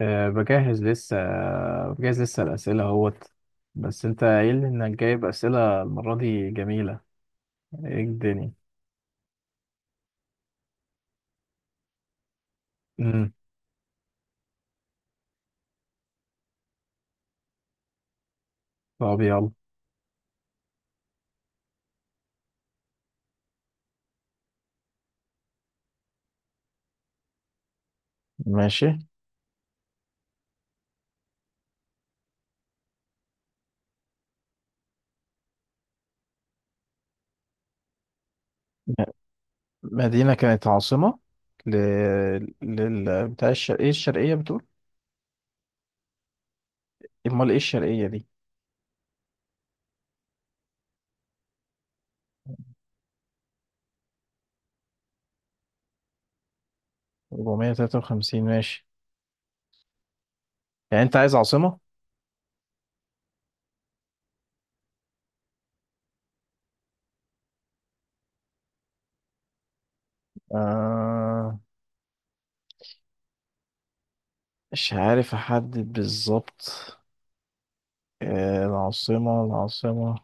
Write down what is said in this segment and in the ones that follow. بجهز لسه. الأسئلة اهوت. بس انت قايل لي انك جايب أسئلة المرة دي جميلة. ايه الدنيا؟ امم طب يلا. ماشي. م- مدينة كانت عاصمة ل... لل بتاع الشرقية، ايه الشرقية بتقول؟ امال ايه الشرقية دي؟ 453، ماشي. يعني انت عايز عاصمة؟ آه... مش عارف احدد بالظبط. العاصمة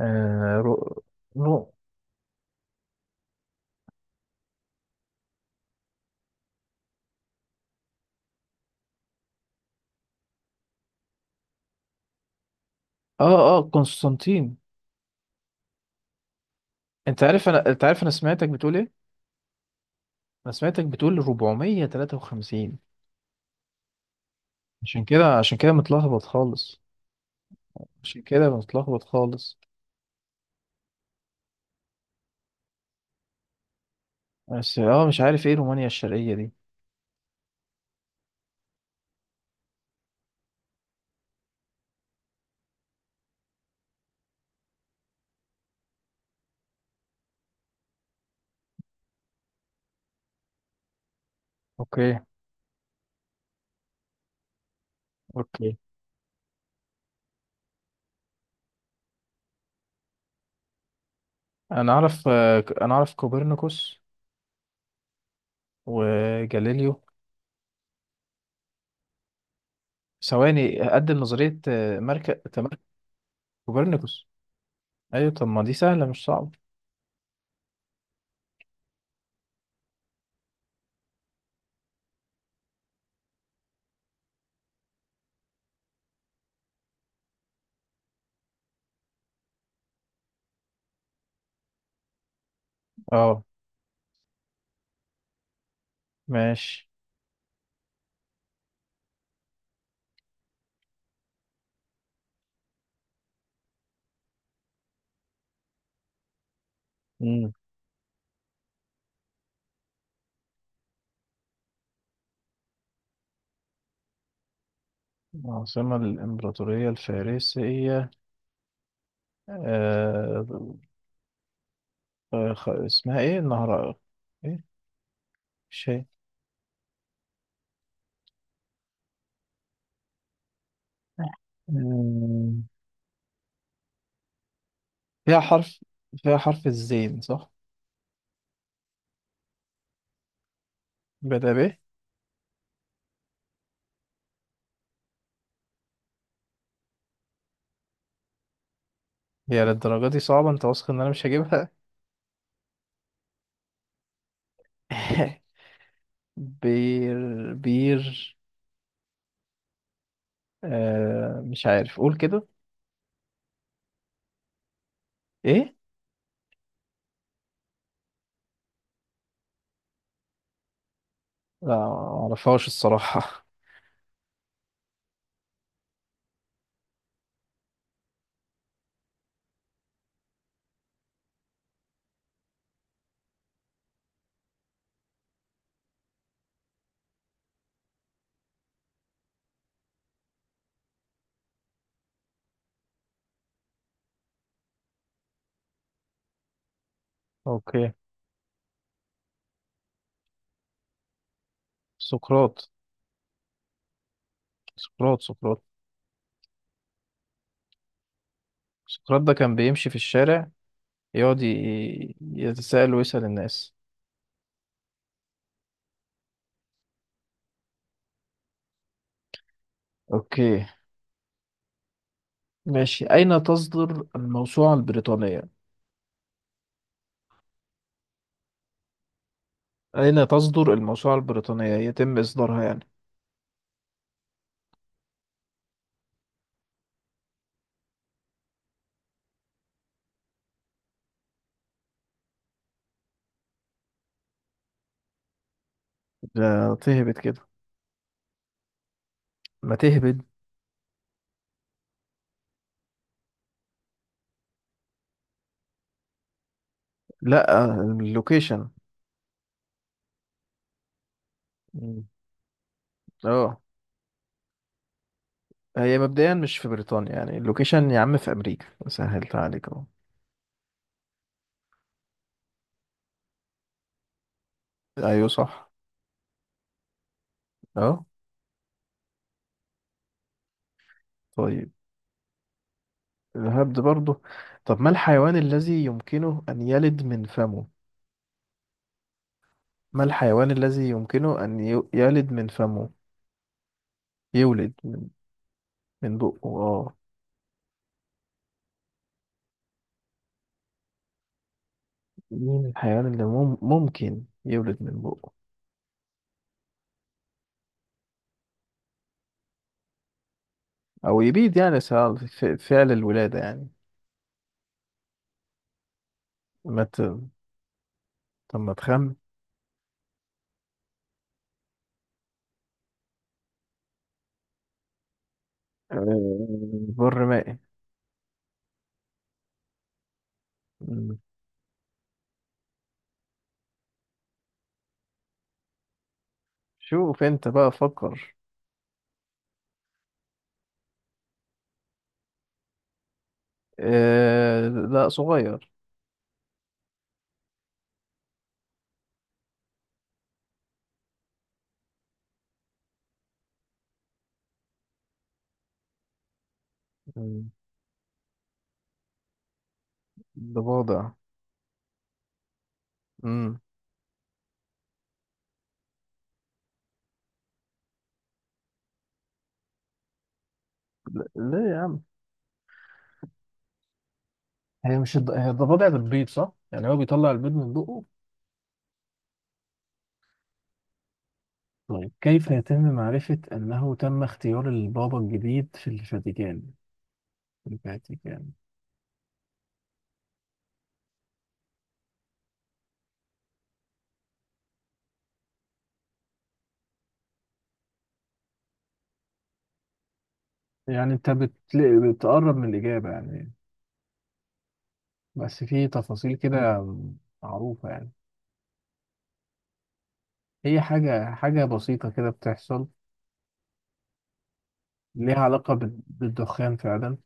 آه... رو... رو... اه اه قسطنطين. انت عارف انا سمعتك بتقول ايه. انا سمعتك بتقول 453. عشان كده متلخبط خالص. عشان كده متلخبط خالص. بس اه مش عارف ايه رومانيا الشرقية دي. اوكي. اوكي. انا اعرف، انا اعرف كوبرنيكوس وجاليليو. ثواني، اقدم نظرية، مركز، تمركز. كوبرنيكوس. ايوه طب ما دي سهلة مش صعبة. اه ماشي. امم عاصمة الإمبراطورية الفارسية. آه. اسمها ايه النهر؟ ايه؟ مش هي. مم، فيها حرف. فيها حرف الزين، صح؟ بدأ ب. هي للدرجة دي صعبة؟ انت واثق ان انا مش هجيبها؟ بير بير. آه مش عارف، قول كده. ايه؟ لا معرفهاش الصراحة. اوكي. سقراط. سقراط، سقراط. سقراط ده كان بيمشي في الشارع، يقعد يتساءل ويسأل الناس. اوكي ماشي. اين تصدر الموسوعة البريطانية؟ أين تصدر الموسوعة البريطانية، يتم إصدارها يعني. ده تهبد كده. ما تهبد. لا، اللوكيشن. مم. اه. هي مبدئيا مش في بريطانيا يعني اللوكيشن. يا عم في أمريكا، سهلت عليك اهو. أيوه صح. اه. طيب الهبد برضه. طب ما الحيوان الذي يمكنه أن يلد من فمه؟ ما الحيوان الذي يمكنه أن يلد من فمه؟ يولد من. من بقه اه. مين الحيوان اللي ممكن يولد من بقه؟ او يبيد يعني، فعل الولادة يعني. ما ت... طب ما تخمن. آه، بر مائي. مم. شوف انت بقى فكر. لا، صغير. مم. ضفادع. مم. ليه يا عم؟ هي مش الض... هي الضفادع بتبيض صح؟ يعني هو بيطلع البيض من بقه. طيب كيف يتم معرفة أنه تم اختيار البابا الجديد في الفاتيكان؟ في الفاتيكان. يعني أنت بتقرب من الإجابة يعني. بس في تفاصيل كده معروفة يعني. هي حاجة بسيطة كده بتحصل. ليها علاقة بالدخان فعلا.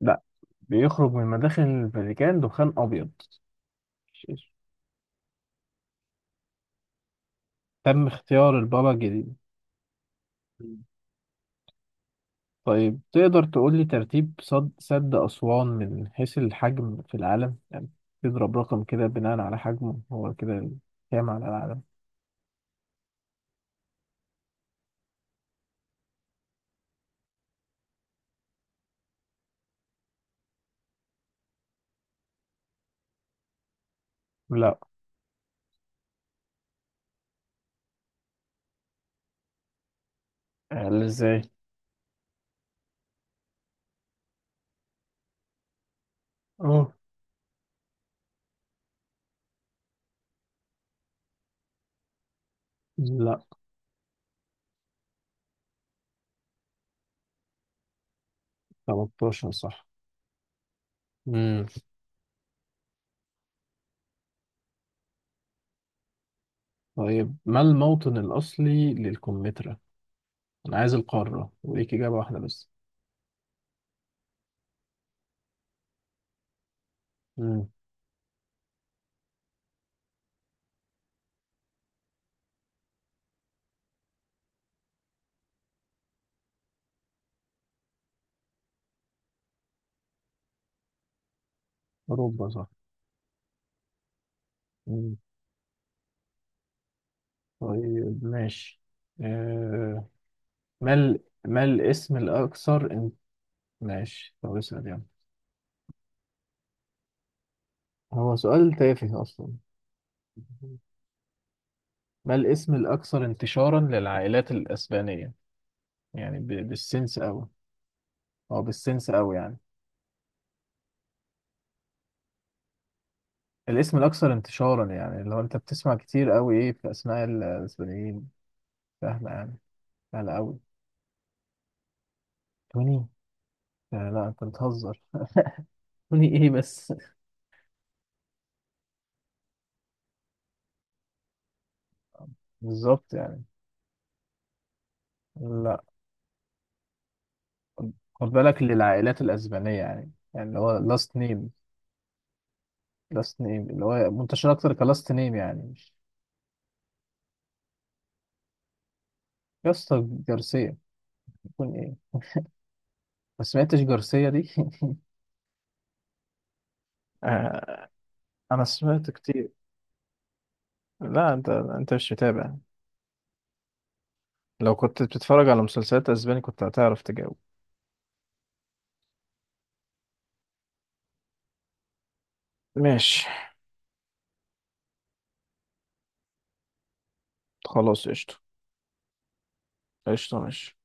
لا، بيخرج من مداخل الفاتيكان دخان أبيض. تم اختيار البابا الجديد. مم. طيب تقدر تقول لي ترتيب سد أسوان من حيث الحجم في العالم يعني. تضرب رقم كده بناء على حجمه هو كده، كام على العالم. لا. قال ازاي. اه. لا. 13 صح. مم. طيب ما الموطن الأصلي للكمثرى؟ انا عايز القارة وليك اجابة واحدة بس. مم. اوروبا صح. مم. طيب ماشي. آه. ما ال... ما الاسم الاكثر ان... ماشي طب اسأل يعني. هو سؤال تافه اصلا. ما الاسم الاكثر انتشارا للعائلات الاسبانية؟ يعني بالسنس قوي. او بالسنس قوي يعني. الاسم الاكثر انتشارا يعني اللي هو انت بتسمع كتير قوي ايه في اسماء الاسبانيين. فاهمة يعني، سهلة قوي. توني؟ آه لا انت بتهزر. توني ايه بس؟ بالظبط يعني. لا. خد بالك، للعائلات الأسبانية يعني، يعني اللي هو لاست نيم. لاست نيم اللي هو منتشر أكتر كلاست نيم يعني، مش يا اسطى جارسيا يكون إيه؟ ما سمعتش جارسيا دي؟ آه، انا سمعت كتير. لا انت، انت مش متابع. لو كنت بتتفرج على مسلسلات اسباني كنت هتعرف تجاوب. ماشي. خلاص قشطة. قشطة ماشي.